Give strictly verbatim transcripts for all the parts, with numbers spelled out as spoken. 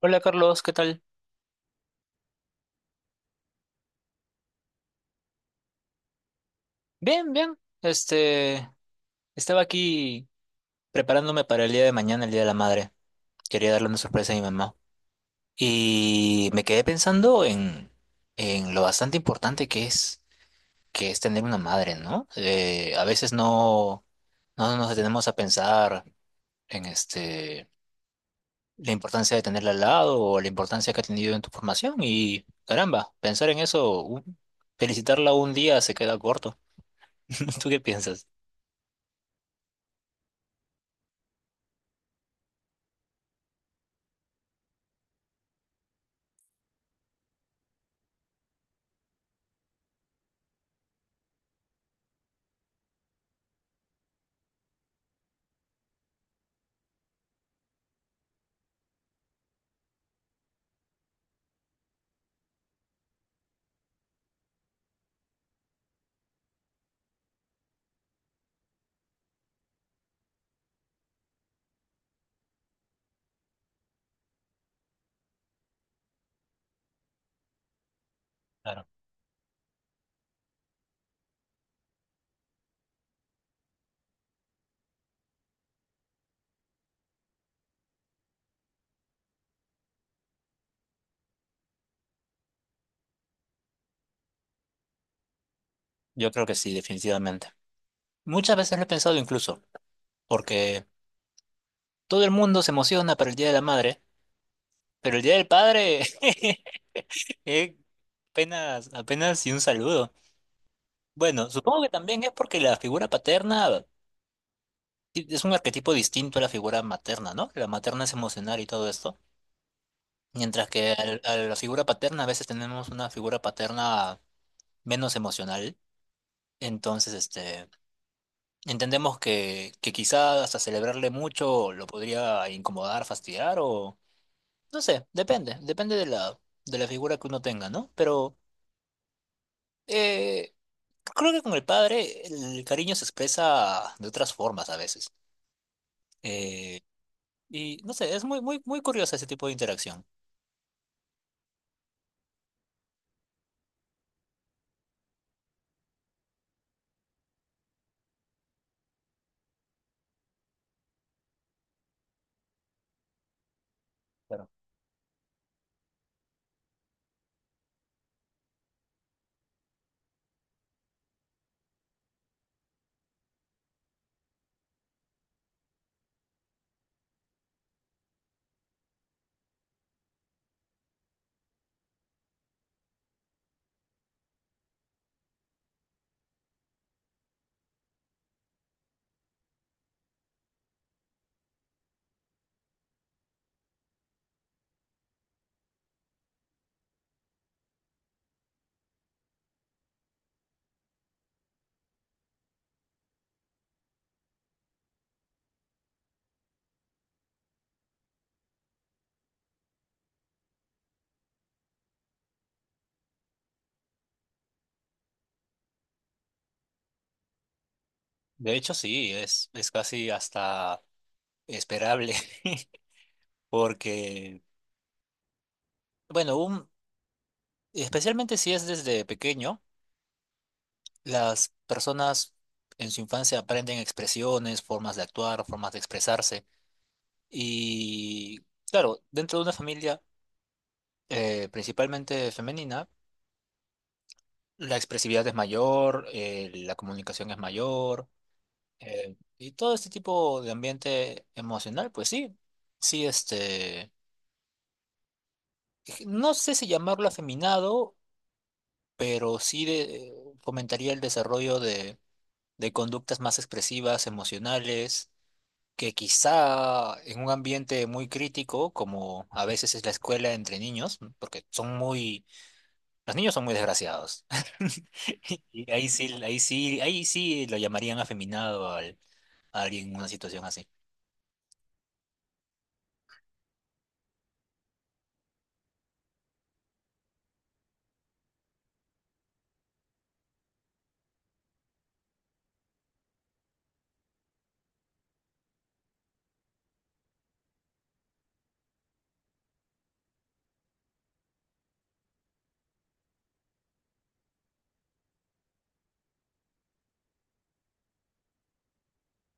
Hola Carlos, ¿qué tal? Bien, bien. Este, estaba aquí preparándome para el día de mañana, el Día de la Madre. Quería darle una sorpresa a mi mamá. Y me quedé pensando en, en lo bastante importante que es, que es tener una madre, ¿no? Eh, a veces no, no nos detenemos a pensar en este, la importancia de tenerla al lado o la importancia que ha tenido en tu formación. Y caramba, pensar en eso, un- felicitarla un día se queda corto. ¿Tú qué piensas? Claro. Yo creo que sí, definitivamente. Muchas veces lo he pensado incluso, porque todo el mundo se emociona para el Día de la Madre, pero el Día del Padre eh, apenas, apenas y un saludo. Bueno, supongo que también es porque la figura paterna, sí, es un arquetipo distinto a la figura materna, ¿no? La materna es emocional y todo esto, mientras que al- a la figura paterna a veces tenemos una figura paterna menos emocional, entonces, este... entendemos que, que quizás hasta celebrarle mucho lo podría incomodar, fastidiar o no sé, depende, depende de la, de la figura que uno tenga, ¿no? Pero eh, creo que con el padre el cariño se expresa de otras formas a veces. Eh, y no sé, es muy, muy, muy curioso ese tipo de interacción. Claro. De hecho, sí, es, es casi hasta esperable porque, bueno, un, especialmente si es desde pequeño. Las personas en su infancia aprenden expresiones, formas de actuar, formas de expresarse. Y claro, dentro de una familia eh, principalmente femenina, la expresividad es mayor, eh, la comunicación es mayor, eh, y todo este tipo de ambiente emocional, pues sí, sí, este, no sé si llamarlo afeminado, pero sí de- fomentaría el desarrollo de de conductas más expresivas, emocionales que quizá en un ambiente muy crítico, como a veces es la escuela entre niños, mm, porque son muy, los niños son muy desgraciados. Y ahí sí, ahí sí, ahí sí lo llamarían afeminado al, a alguien en una situación así.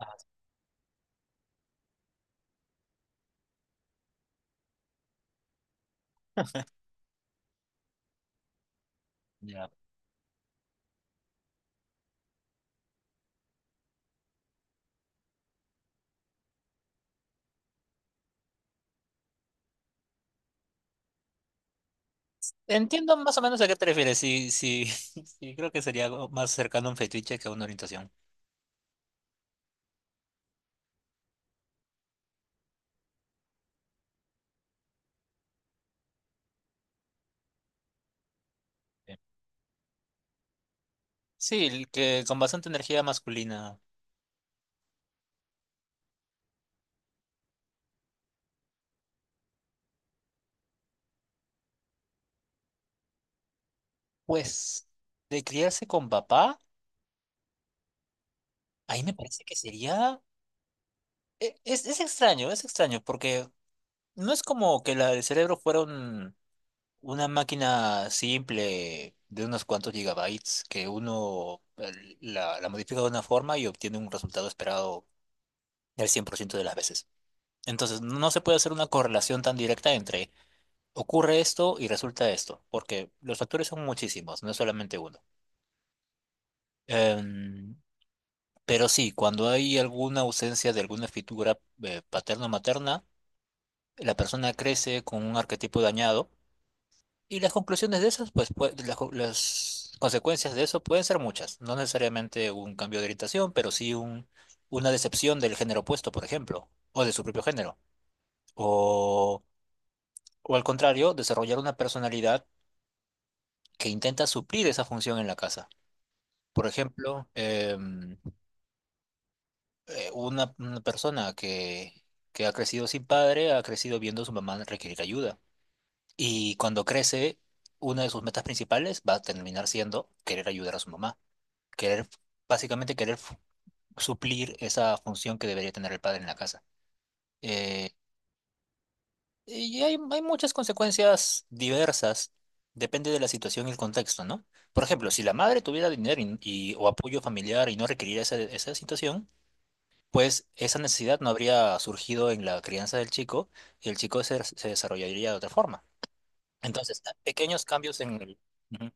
Ah, ya. Entiendo más o menos a qué te refieres. Sí, sí, sí, creo que sería algo más cercano a un fetiche que a una orientación. Sí, sí, el que con bastante energía masculina. Pues, de criarse con papá, ahí me parece que sería. e- Es, es extraño, es extraño, porque no es como que la del cerebro fuera un- una máquina simple de unos cuantos gigabytes, que uno eh, la, la modifica de una forma y obtiene un resultado esperado del cien por ciento de las veces. Entonces, no no se puede hacer una correlación tan directa entre ocurre esto y resulta esto, porque los factores son muchísimos, no es solamente uno. Em, pero sí, cuando hay alguna ausencia de alguna figura eh, paterno-materna, la persona crece con un arquetipo dañado y las conclusiones de esas, pues, pue- las, co- las consecuencias de eso pueden ser muchas. No necesariamente un cambio de orientación, pero sí un, una decepción del género opuesto, por ejemplo, o de su propio género. O, o al contrario, desarrollar una personalidad que intenta suplir esa función en la casa. Por ejemplo, em, eh, una, una persona que, que ha crecido sin padre, ha crecido viendo a su mamá requerir ayuda. Y cuando crece, una de sus metas principales va a terminar siendo querer ayudar a su mamá, querer, básicamente querer fu- suplir esa función que debería tener el padre en la casa. Eh, y hay, hay muchas consecuencias diversas, depende de la situación y el contexto, ¿no? Por ejemplo, si la madre tuviera dinero y, y- o apoyo familiar y no requeriría esa, esa situación, pues esa necesidad no habría surgido en la crianza del chico y el chico se, se desarrollaría de otra forma. Entonces, pequeños cambios en el... Ujú.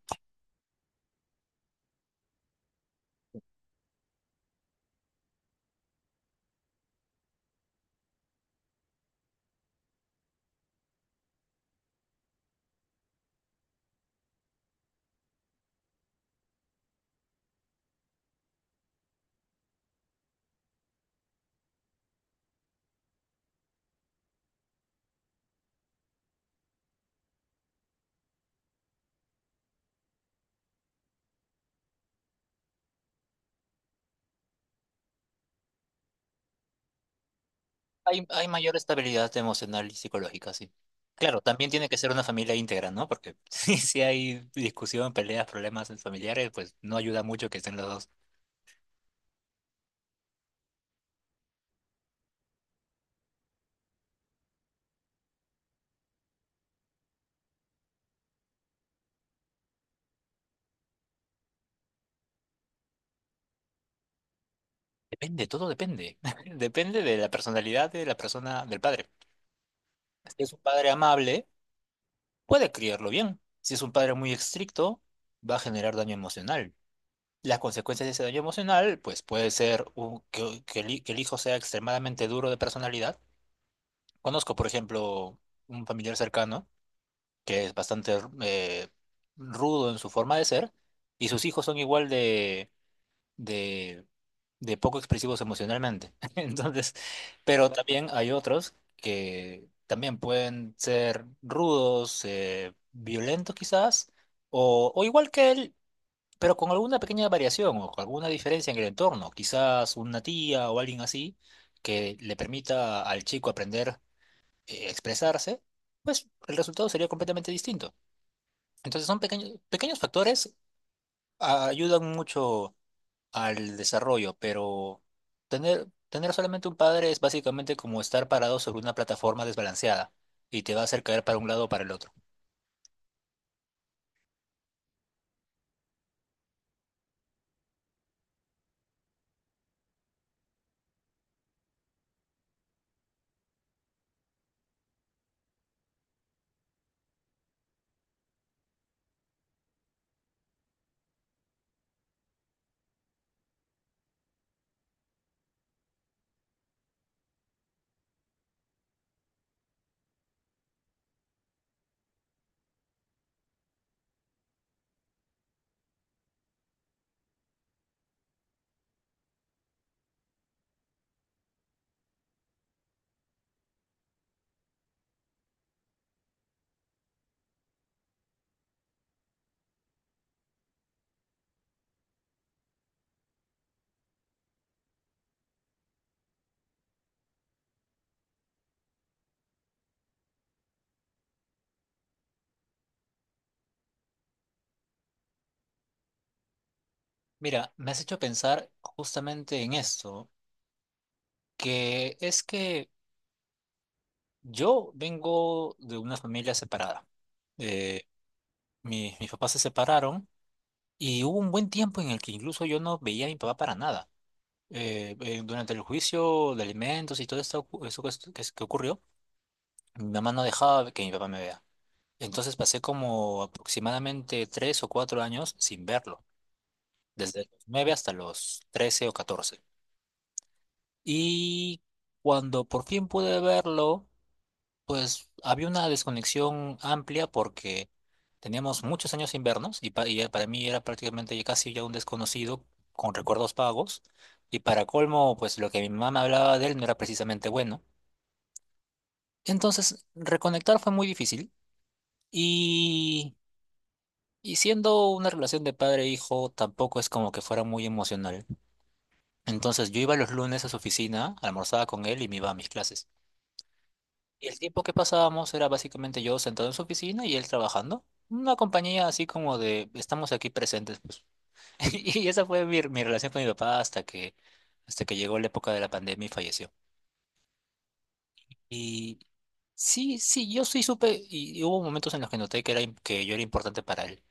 Hay, hay mayor estabilidad emocional y psicológica, sí. Claro, también tiene que ser una familia íntegra, ¿no? Porque si, si hay discusión, peleas, problemas familiares, pues no ayuda mucho que estén los dos. Depende, todo depende. Depende de la personalidad de la persona, del padre. Si es un padre amable, puede criarlo bien. Si es un padre muy estricto, va a generar daño emocional. Las consecuencias de ese daño emocional, pues puede ser un- que, que el hi- que el hijo sea extremadamente duro de personalidad. Conozco, por ejemplo, un familiar cercano que es bastante eh, rudo en su forma de ser, y sus hijos son igual de, de, de poco expresivos emocionalmente. Entonces, pero también hay otros que también pueden ser rudos, eh, violentos quizás, o, o igual que él, pero con alguna pequeña variación o con alguna diferencia en el entorno, quizás una tía o alguien así que le permita al chico aprender eh, a expresarse, pues el resultado sería completamente distinto. Entonces son pequeños, pequeños factores, ah, ayudan mucho al desarrollo, pero tener, tener solamente un padre es básicamente como estar parado sobre una plataforma desbalanceada y te va a hacer caer para un lado o para el otro. Mira, me has hecho pensar justamente en esto, que es que yo vengo de una familia separada. Eh, mi- mis papás se separaron y hubo un buen tiempo en el que incluso yo no veía a mi papá para nada. eh, eh, durante el juicio de alimentos y todo esto, eso que, que que ocurrió, mi mamá no dejaba que mi papá me vea. Entonces pasé como aproximadamente tres o cuatro años sin verlo, desde los nueve hasta los trece o catorce. Y cuando por fin pude verlo, pues había una desconexión amplia porque teníamos muchos años sin vernos y, pa- y para mí era prácticamente ya casi ya un desconocido con recuerdos vagos. Y para colmo, pues lo que mi mamá me hablaba de él no era precisamente bueno. Entonces, reconectar fue muy difícil y, y siendo una relación de padre-hijo tampoco es como que fuera muy emocional. Entonces, yo iba los lunes a su oficina, almorzaba con él y me iba a mis clases. Y el tiempo que pasábamos era básicamente yo sentado en su oficina y él trabajando. Una compañía así como de estamos aquí presentes, pues. Y esa fue mi, mi relación con mi papá hasta que, hasta que llegó la época de la pandemia y falleció. Y sí, sí, yo sí supe y y hubo momentos en los que noté que era, im- que yo era importante para él.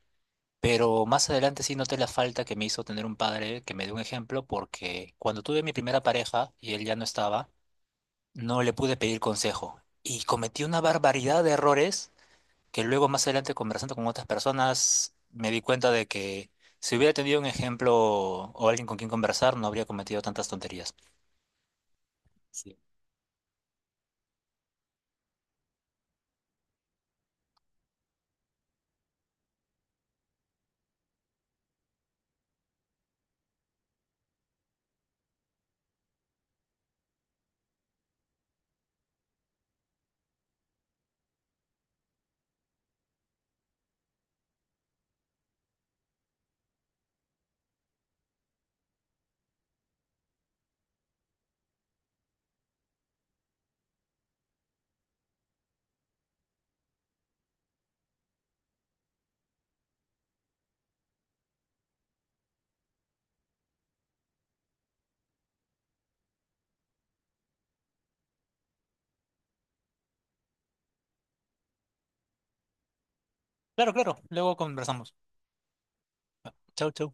Pero más adelante sí noté la falta que me hizo tener un padre que me dio un ejemplo, porque cuando tuve mi primera pareja y él ya no estaba, no le pude pedir consejo. Y cometí una barbaridad de errores que luego más adelante conversando con otras personas me di cuenta de que si hubiera tenido un ejemplo o alguien con quien conversar, no habría cometido tantas tonterías. Sí. Claro, claro, luego conversamos. Chau, chau.